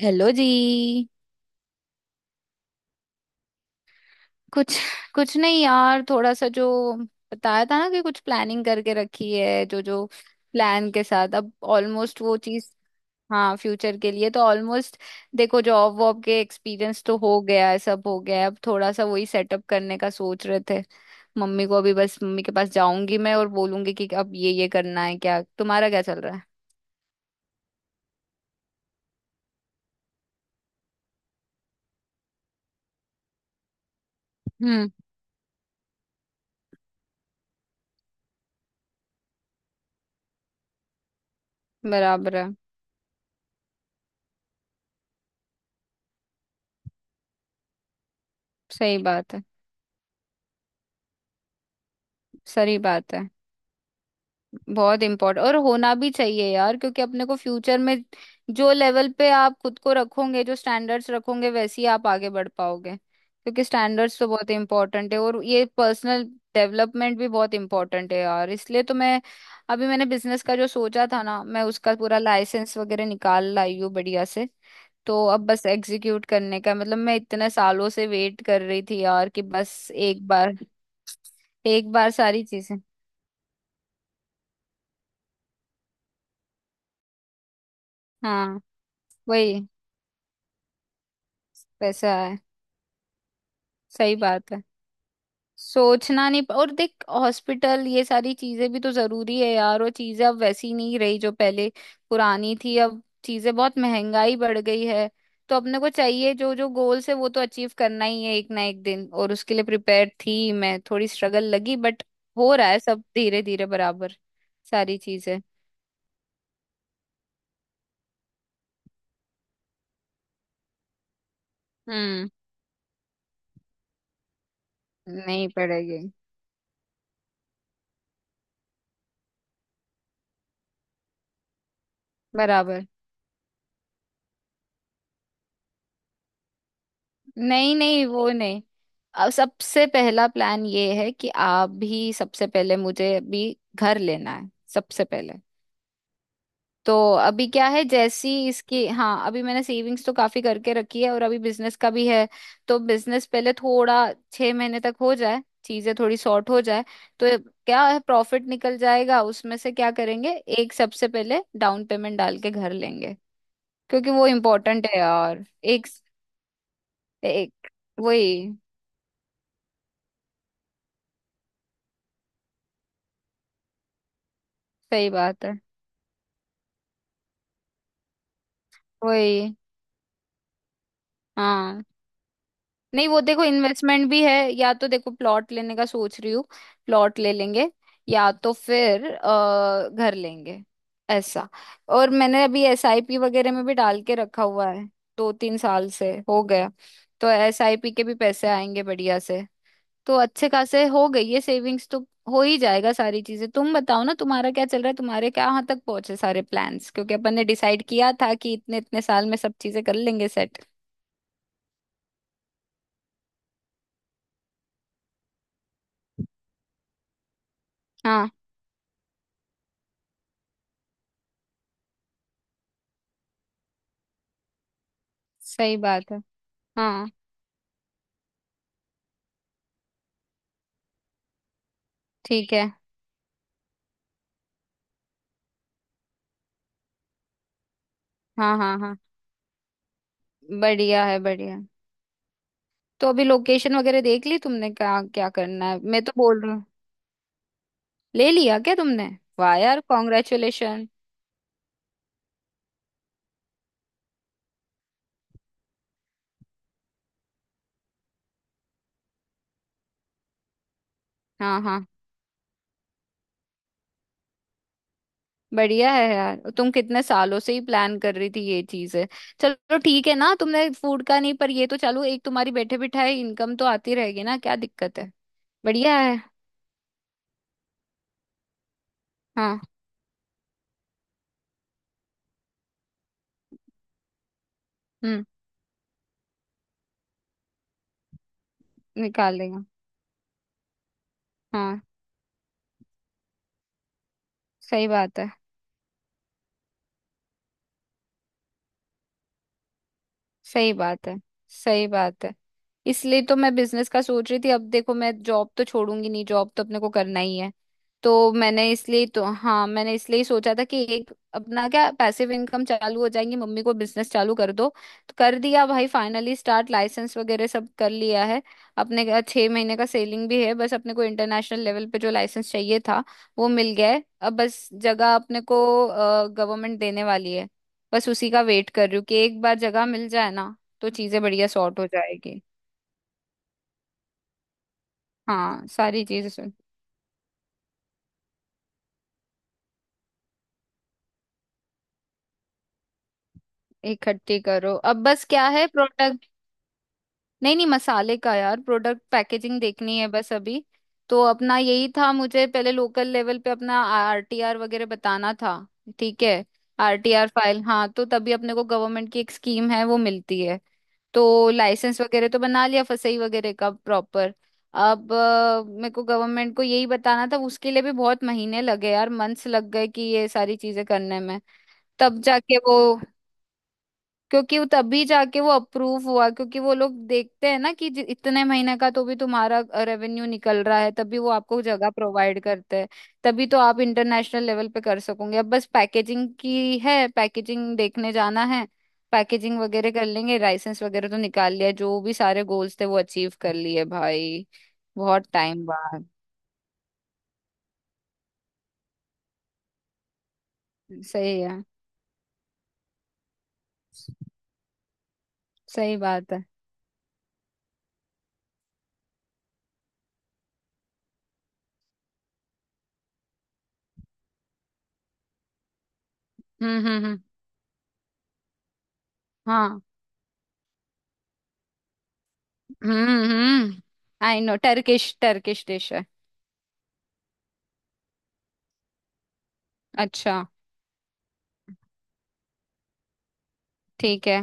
Hello जी। कुछ कुछ नहीं यार, थोड़ा सा जो बताया था ना कि कुछ प्लानिंग करके रखी है। जो जो प्लान के साथ अब ऑलमोस्ट वो चीज। हाँ, फ्यूचर के लिए तो ऑलमोस्ट। देखो, जॉब वॉब के एक्सपीरियंस तो हो गया है, सब हो गया है, अब थोड़ा सा वही सेटअप करने का सोच रहे थे। मम्मी को अभी बस, मम्मी के पास जाऊंगी मैं और बोलूंगी कि अब ये करना है। क्या तुम्हारा क्या चल रहा है? हम्म। बराबर है। सही बात है। सही बात है। बहुत इम्पोर्टेंट, और होना भी चाहिए यार, क्योंकि अपने को फ्यूचर में जो लेवल पे आप खुद को रखोगे, जो स्टैंडर्ड्स रखोगे, वैसे ही आप आगे बढ़ पाओगे, क्योंकि स्टैंडर्ड्स तो बहुत इम्पोर्टेंट है, और ये पर्सनल डेवलपमेंट भी बहुत इम्पोर्टेंट है यार। इसलिए तो मैं अभी मैंने बिजनेस का जो सोचा था ना, मैं उसका पूरा लाइसेंस वगैरह निकाल लाई हूँ बढ़िया से। तो अब बस एग्जीक्यूट करने का, मतलब मैं इतने सालों से वेट कर रही थी यार, कि बस एक बार। एक बार सारी चीजें। हाँ वही, पैसा है। सही बात है। सोचना नहीं, और देख हॉस्पिटल ये सारी चीजें भी तो जरूरी है यार, वो चीजें अब वैसी नहीं रही जो पहले पुरानी थी, अब चीजें, बहुत महंगाई बढ़ गई है। तो अपने को चाहिए जो जो गोल्स है वो तो अचीव करना ही है एक ना एक दिन, और उसके लिए प्रिपेयर थी मैं, थोड़ी स्ट्रगल लगी बट हो रहा है सब धीरे धीरे बराबर। सारी चीजें। हम्म। नहीं पड़ेगी। बराबर। नहीं नहीं, वो नहीं। अब सबसे पहला प्लान ये है कि आप भी, सबसे पहले मुझे अभी घर लेना है सबसे पहले। तो अभी क्या है, जैसी इसकी। हाँ, अभी मैंने सेविंग्स तो काफी करके रखी है, और अभी बिजनेस का भी है। तो बिजनेस पहले थोड़ा 6 महीने तक हो जाए, चीजें थोड़ी सॉर्ट हो जाए। तो क्या है, प्रॉफिट निकल जाएगा, उसमें से क्या करेंगे, एक सबसे पहले डाउन पेमेंट डाल के घर लेंगे, क्योंकि वो इम्पोर्टेंट है यार। एक, एक वही। सही बात है। वही। हाँ। नहीं, वो देखो इन्वेस्टमेंट भी है, या तो देखो प्लॉट लेने का सोच रही हूँ, प्लॉट ले लेंगे, या तो फिर घर लेंगे, ऐसा। और मैंने अभी एसआईपी वगैरह में भी डाल के रखा हुआ है, 2-3 साल से हो गया, तो एसआईपी के भी पैसे आएंगे बढ़िया से। तो अच्छे खासे हो गई है सेविंग्स तो। हो ही जाएगा सारी चीजें। तुम बताओ ना, तुम्हारा क्या चल रहा है, तुम्हारे क्या यहाँ तक पहुंचे सारे प्लान्स, क्योंकि अपन ने डिसाइड किया था कि इतने इतने साल में सब चीजें कर लेंगे सेट। सही बात है। हाँ। ठीक है। हाँ हाँ हाँ। बढ़िया है, बढ़िया है। तो अभी लोकेशन वगैरह देख ली तुमने, क्या क्या करना है? मैं तो बोल रही हूँ। ले लिया क्या तुमने? वाह यार, कॉन्ग्रेचुलेशन। हाँ हाँ। बढ़िया है यार, तुम कितने सालों से ही प्लान कर रही थी ये चीज है। चलो ठीक है ना, तुमने फूड का नहीं, पर ये तो चलो, एक तुम्हारी बैठे बिठाए इनकम तो आती रहेगी ना, क्या दिक्कत है। बढ़िया है। हाँ। हम्म। निकाल लेंगे। हाँ। सही बात है। सही बात है। सही बात है। इसलिए तो मैं बिजनेस का सोच रही थी, अब देखो मैं जॉब तो छोड़ूंगी नहीं, जॉब तो अपने को करना ही है। तो मैंने इसलिए तो, हाँ, मैंने इसलिए ही सोचा था कि एक अपना क्या पैसिव इनकम चालू हो जाएंगी, मम्मी को बिजनेस चालू कर दो। तो कर दिया भाई फाइनली स्टार्ट, लाइसेंस वगैरह सब कर लिया है। अपने का 6 महीने का सेलिंग भी है, बस अपने को इंटरनेशनल लेवल पे जो लाइसेंस चाहिए था वो मिल गया है। अब बस जगह अपने को गवर्नमेंट देने वाली है, बस उसी का वेट कर रही हूँ कि एक बार जगह मिल जाए ना, तो चीजें बढ़िया सॉर्ट हो जाएगी। हाँ सारी चीजें। इकट्ठी करो अब, बस क्या है प्रोडक्ट। नहीं नहीं, मसाले का यार, प्रोडक्ट पैकेजिंग देखनी है बस अभी। तो अपना यही था, मुझे पहले लोकल लेवल पे अपना आरटीआर वगैरह बताना था। ठीक है। आरटीआर फाइल, हाँ, तो तभी अपने को गवर्नमेंट की एक स्कीम है वो मिलती है। तो लाइसेंस वगैरह तो बना लिया, फसई वगैरह का प्रॉपर। अब मेरे को गवर्नमेंट को यही बताना था, उसके लिए भी बहुत महीने लगे यार, मंथ्स लग गए कि ये सारी चीजें करने में। तब जाके वो, क्योंकि वो तभी जाके वो अप्रूव हुआ, क्योंकि वो लोग देखते हैं ना कि इतने महीने का तो भी तुम्हारा रेवेन्यू निकल रहा है तभी वो आपको जगह प्रोवाइड करते हैं। तभी तो आप इंटरनेशनल लेवल पे कर सकोगे, अब बस पैकेजिंग की है, पैकेजिंग देखने जाना है। पैकेजिंग वगैरह कर लेंगे, लाइसेंस वगैरह तो निकाल लिया, जो भी सारे गोल्स थे वो अचीव कर लिए भाई। बहुत टाइम बाद। सही है। सही बात है। हम्म। हाँ। हम्म। I know, Turkish, Turkish dish है। अच्छा। ठीक है।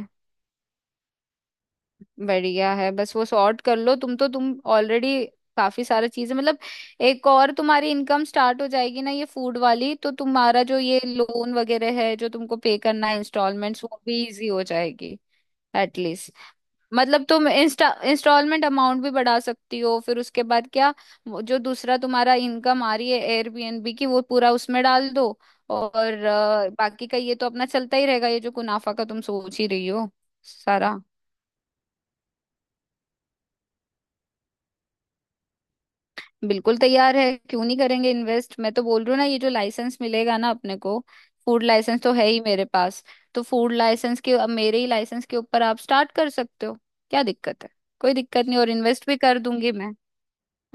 बढ़िया है, बस वो सॉर्ट कर लो तुम, तो तुम ऑलरेडी काफी सारा चीजें मतलब, एक और तुम्हारी इनकम स्टार्ट हो जाएगी ना ये फूड वाली, तो तुम्हारा जो ये लोन वगैरह है जो तुमको पे करना है इंस्टॉलमेंट्स, वो भी इजी हो जाएगी। एटलीस्ट मतलब तुम इंस्टा इंस्टॉलमेंट अमाउंट भी बढ़ा सकती हो, फिर उसके बाद क्या, वो जो दूसरा तुम्हारा इनकम आ रही है एयरबीएनबी की, वो पूरा उसमें डाल दो, और बाकी का ये तो अपना चलता ही रहेगा, ये जो मुनाफा का तुम सोच ही रही हो। सारा। बिल्कुल तैयार है, क्यों नहीं करेंगे इन्वेस्ट, मैं तो बोल रही हूँ ना, ये जो लाइसेंस मिलेगा ना अपने को, फूड लाइसेंस तो है ही मेरे पास। तो फूड लाइसेंस के, अब मेरे ही लाइसेंस के ऊपर आप स्टार्ट कर सकते हो, क्या दिक्कत है, कोई दिक्कत नहीं, और इन्वेस्ट भी कर दूंगी मैं।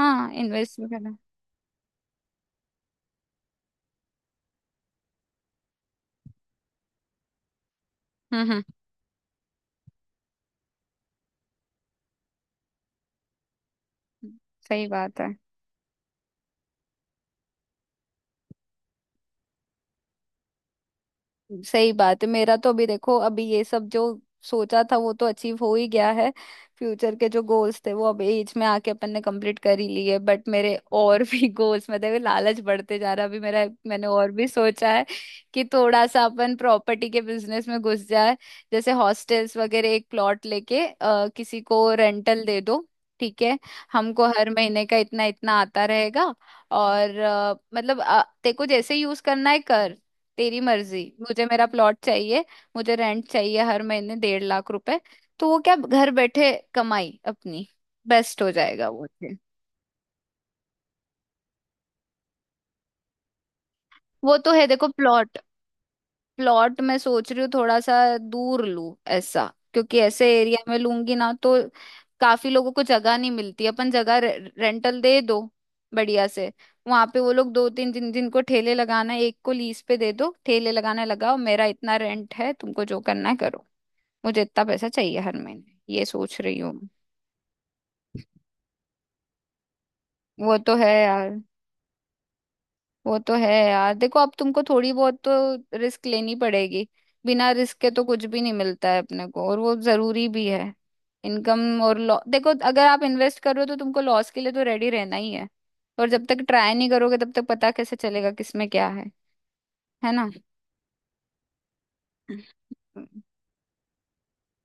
हाँ, इन्वेस्ट भी करना। हम्म हम्म। सही बात है। सही बात है, मेरा तो अभी देखो, अभी ये सब जो सोचा था वो तो अचीव हो ही गया है। फ्यूचर के जो गोल्स थे वो अब एज में आके अपन ने कंप्लीट कर ही लिए, बट मेरे और भी गोल्स, मतलब ये लालच बढ़ते जा रहा है अभी मेरा, मैंने और भी सोचा है कि थोड़ा सा अपन प्रॉपर्टी के बिजनेस में घुस जाए। जैसे हॉस्टल्स वगैरह एक प्लॉट लेके किसी को रेंटल दे दो। ठीक है। हमको हर महीने का इतना इतना आता रहेगा, और मतलब तेको जैसे यूज करना है कर, तेरी मर्जी, मुझे मेरा प्लॉट चाहिए, मुझे रेंट चाहिए हर महीने 1.5 लाख रुपए। तो वो क्या, घर बैठे कमाई अपनी, बेस्ट हो जाएगा वो फिर। वो तो है, देखो प्लॉट, प्लॉट मैं सोच रही हूँ थोड़ा सा दूर लूँ ऐसा, क्योंकि ऐसे एरिया में लूंगी ना तो काफी लोगों को जगह नहीं मिलती, अपन जगह रेंटल दे दो बढ़िया से। वहां पे वो लोग दो तीन, जिनको ठेले लगाना है एक को लीज पे दे दो, ठेले लगाने लगाओ, मेरा इतना रेंट है, तुमको जो करना है करो, मुझे इतना पैसा चाहिए हर महीने, ये सोच रही हूँ। वो तो है यार, वो तो है यार। देखो अब तुमको थोड़ी बहुत तो रिस्क लेनी पड़ेगी, बिना रिस्क के तो कुछ भी नहीं मिलता है अपने को, और वो जरूरी भी है। इनकम और लॉ, देखो अगर आप इन्वेस्ट कर रहे हो तो तुमको लॉस के लिए तो रेडी रहना ही है, और जब तक ट्राई नहीं करोगे तब तक पता कैसे चलेगा किसमें क्या है। है ना।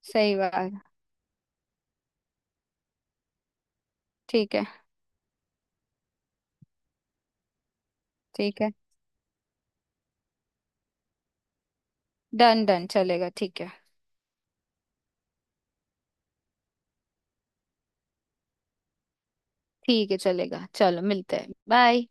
सही बात। ठीक है। ठीक है, डन डन चलेगा, ठीक है। ठीक है चलेगा, चलो मिलते हैं, बाय।